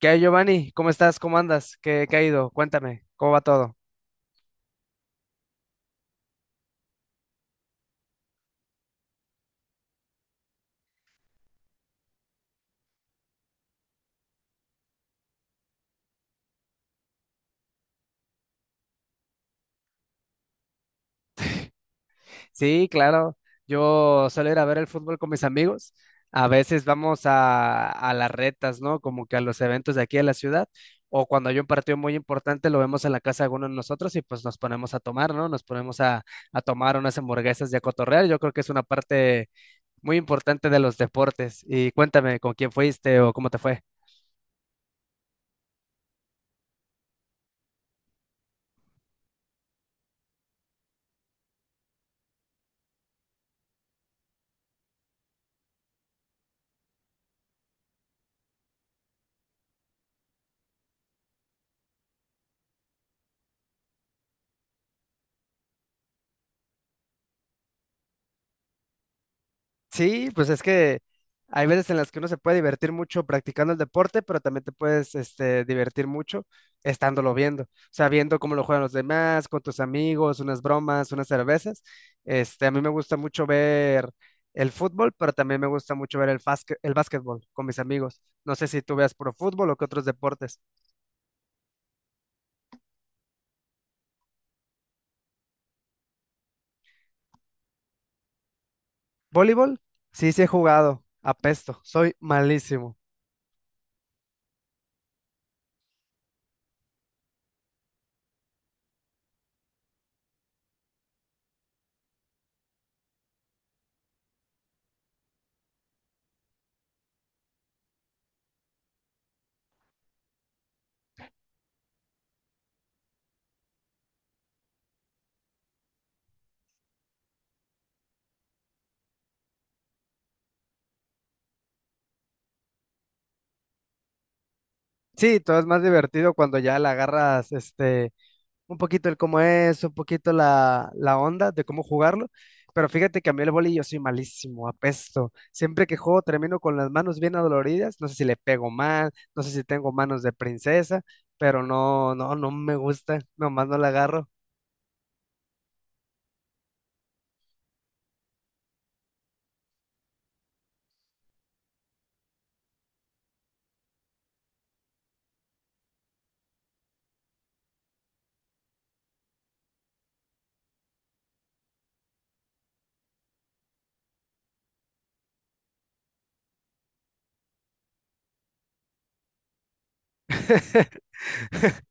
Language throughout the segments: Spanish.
¿Qué hay, Giovanni? ¿Cómo estás? ¿Cómo andas? ¿Qué ha ido? Cuéntame, ¿cómo va todo? Sí, claro. Yo suelo ir a ver el fútbol con mis amigos. A veces vamos a las retas, ¿no? Como que a los eventos de aquí de la ciudad. O cuando hay un partido muy importante, lo vemos en la casa de alguno de nosotros y pues nos ponemos a tomar, ¿no? Nos ponemos a tomar unas hamburguesas y a cotorrear. Yo creo que es una parte muy importante de los deportes. Y cuéntame, ¿con quién fuiste o cómo te fue? Sí, pues es que hay veces en las que uno se puede divertir mucho practicando el deporte, pero también te puedes divertir mucho estándolo viendo. O sea, viendo cómo lo juegan los demás, con tus amigos, unas bromas, unas cervezas. A mí me gusta mucho ver el fútbol, pero también me gusta mucho ver el básquetbol con mis amigos. No sé si tú veas puro fútbol o qué otros deportes. ¿Voleibol? Sí, sí he jugado. Apesto, soy malísimo. Sí, todo es más divertido cuando ya la agarras, un poquito el cómo es, un poquito la onda de cómo jugarlo. Pero fíjate que a mí el vóley yo soy malísimo, apesto. Siempre que juego termino con las manos bien adoloridas. No sé si le pego mal, no sé si tengo manos de princesa, pero no me gusta. Nomás no la agarro.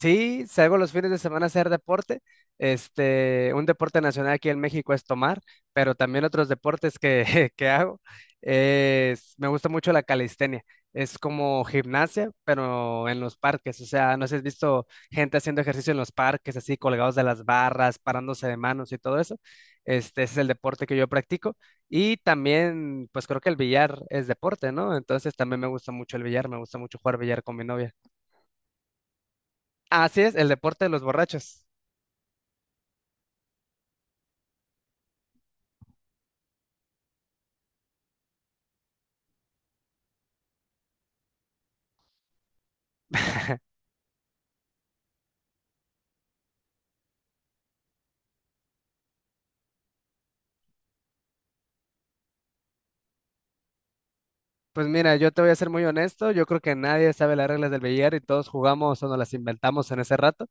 Sí, salgo los fines de semana a hacer deporte. Un deporte nacional aquí en México es tomar, pero también otros deportes que, que hago. Me gusta mucho la calistenia. Es como gimnasia, pero en los parques. O sea, no sé si has visto gente haciendo ejercicio en los parques, así colgados de las barras, parándose de manos y todo eso. Ese es el deporte que yo practico. Y también, pues creo que el billar es deporte, ¿no? Entonces también me gusta mucho el billar, me gusta mucho jugar billar con mi novia. Así es, el deporte de los borrachos. Pues mira, yo te voy a ser muy honesto, yo creo que nadie sabe las reglas del billar y todos jugamos o nos las inventamos en ese rato.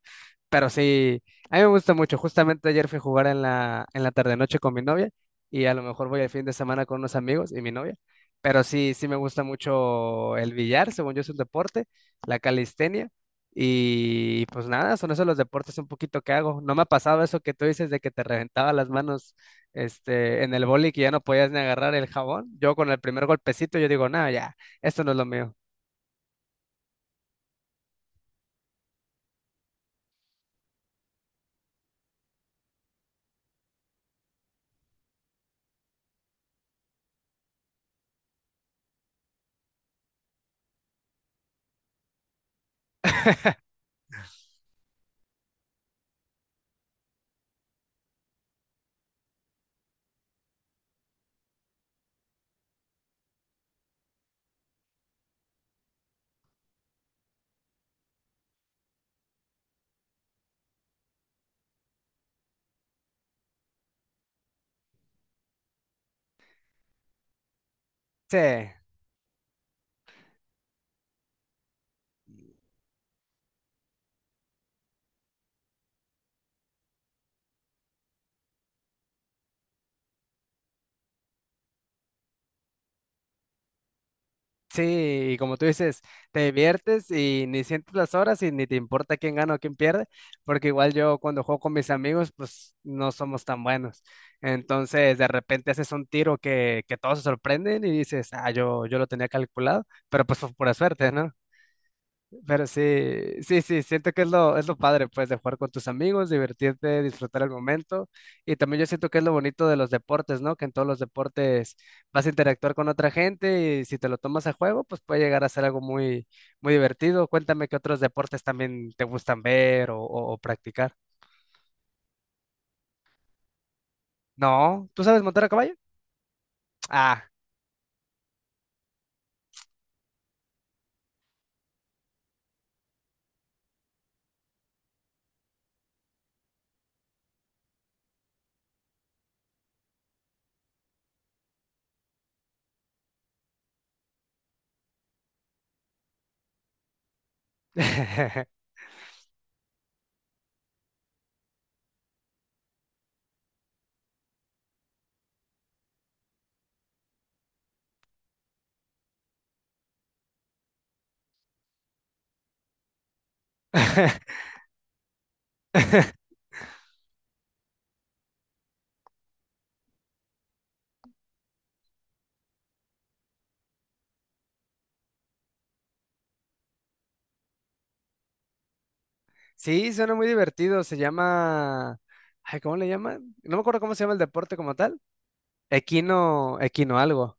Pero sí, a mí me gusta mucho. Justamente ayer fui a jugar en la tarde-noche con mi novia y a lo mejor voy el fin de semana con unos amigos y mi novia. Pero sí, sí me gusta mucho el billar, según yo es un deporte, la calistenia. Y pues nada, son esos los deportes un poquito que hago. No me ha pasado eso que tú dices de que te reventaba las manos en el boli que ya no podías ni agarrar el jabón. Yo con el primer golpecito yo digo, no, ya, esto no es lo mío. Sí. Sí, y como tú dices, te diviertes y ni sientes las horas y ni te importa quién gana o quién pierde, porque igual yo cuando juego con mis amigos, pues no somos tan buenos. Entonces, de repente haces un tiro que todos se sorprenden y dices, ah, yo lo tenía calculado, pero pues fue pura suerte, ¿no? Pero sí, siento que es lo padre, pues, de jugar con tus amigos, divertirte, disfrutar el momento. Y también yo siento que es lo bonito de los deportes, ¿no? Que en todos los deportes vas a interactuar con otra gente y si te lo tomas a juego, pues puede llegar a ser algo muy divertido. Cuéntame qué otros deportes también te gustan ver o practicar. No, ¿tú sabes montar a caballo? Ah. Sí, suena muy divertido. Se llama... Ay, ¿cómo le llaman? No me acuerdo cómo se llama el deporte como tal. Equino algo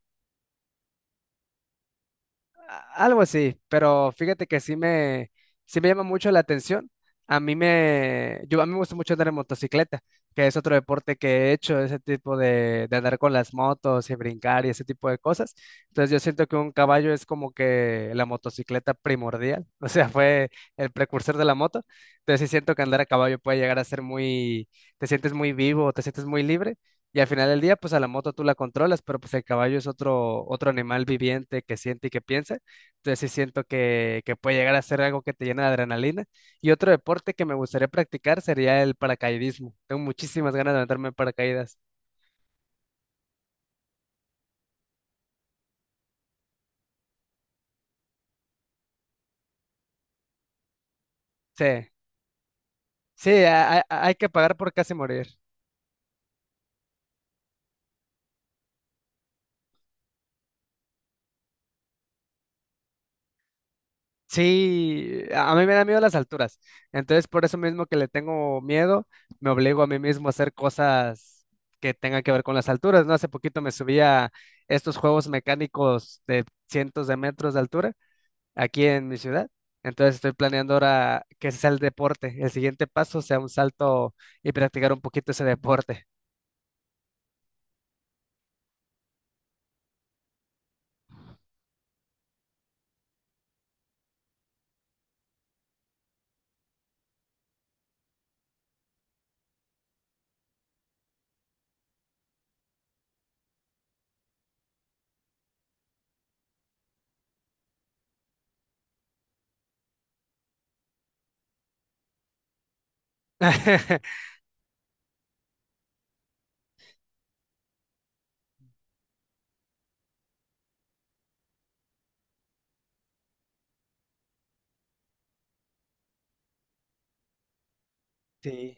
algo así, pero fíjate que sí me llama mucho la atención. A mí me gusta mucho andar en motocicleta, que es otro deporte que he hecho, ese tipo de andar con las motos y brincar y ese tipo de cosas. Entonces yo siento que un caballo es como que la motocicleta primordial, o sea, fue el precursor de la moto. Entonces sí siento que andar a caballo puede llegar a ser muy, te sientes muy vivo, te sientes muy libre. Y al final del día, pues a la moto tú la controlas, pero pues el caballo es otro animal viviente que siente y que piensa. Entonces sí siento que puede llegar a ser algo que te llena de adrenalina. Y otro deporte que me gustaría practicar sería el paracaidismo. Tengo muchísimas ganas de meterme en paracaídas. Sí, sí, hay que pagar por casi morir. Sí, a mí me da miedo las alturas. Entonces por eso mismo que le tengo miedo, me obligo a mí mismo a hacer cosas que tengan que ver con las alturas, ¿no? Hace poquito me subí a estos juegos mecánicos de cientos de metros de altura aquí en mi ciudad. Entonces estoy planeando ahora que ese sea el deporte. El siguiente paso sea un salto y practicar un poquito ese deporte. Sí.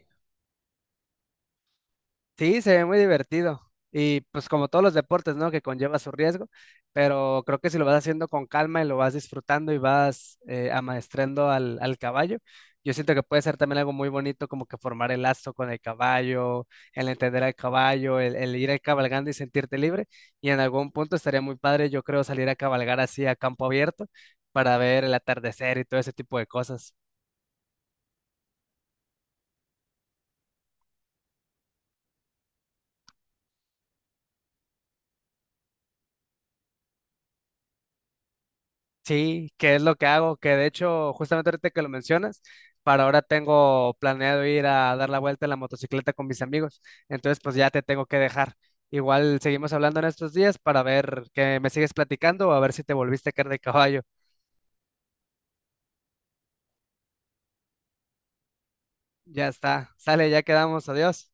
Sí, se ve muy divertido. Y pues como todos los deportes, ¿no? Que conlleva su riesgo, pero creo que si lo vas haciendo con calma y lo vas disfrutando y vas amaestrando al caballo, yo siento que puede ser también algo muy bonito como que formar el lazo con el caballo, el entender al caballo, el ir cabalgando y sentirte libre. Y en algún punto estaría muy padre, yo creo, salir a cabalgar así a campo abierto para ver el atardecer y todo ese tipo de cosas. Sí, que es lo que hago, que de hecho, justamente ahorita que lo mencionas, para ahora tengo planeado ir a dar la vuelta en la motocicleta con mis amigos. Entonces, pues ya te tengo que dejar. Igual seguimos hablando en estos días para ver que me sigues platicando o a ver si te volviste a caer de caballo. Ya está, sale, ya quedamos, adiós.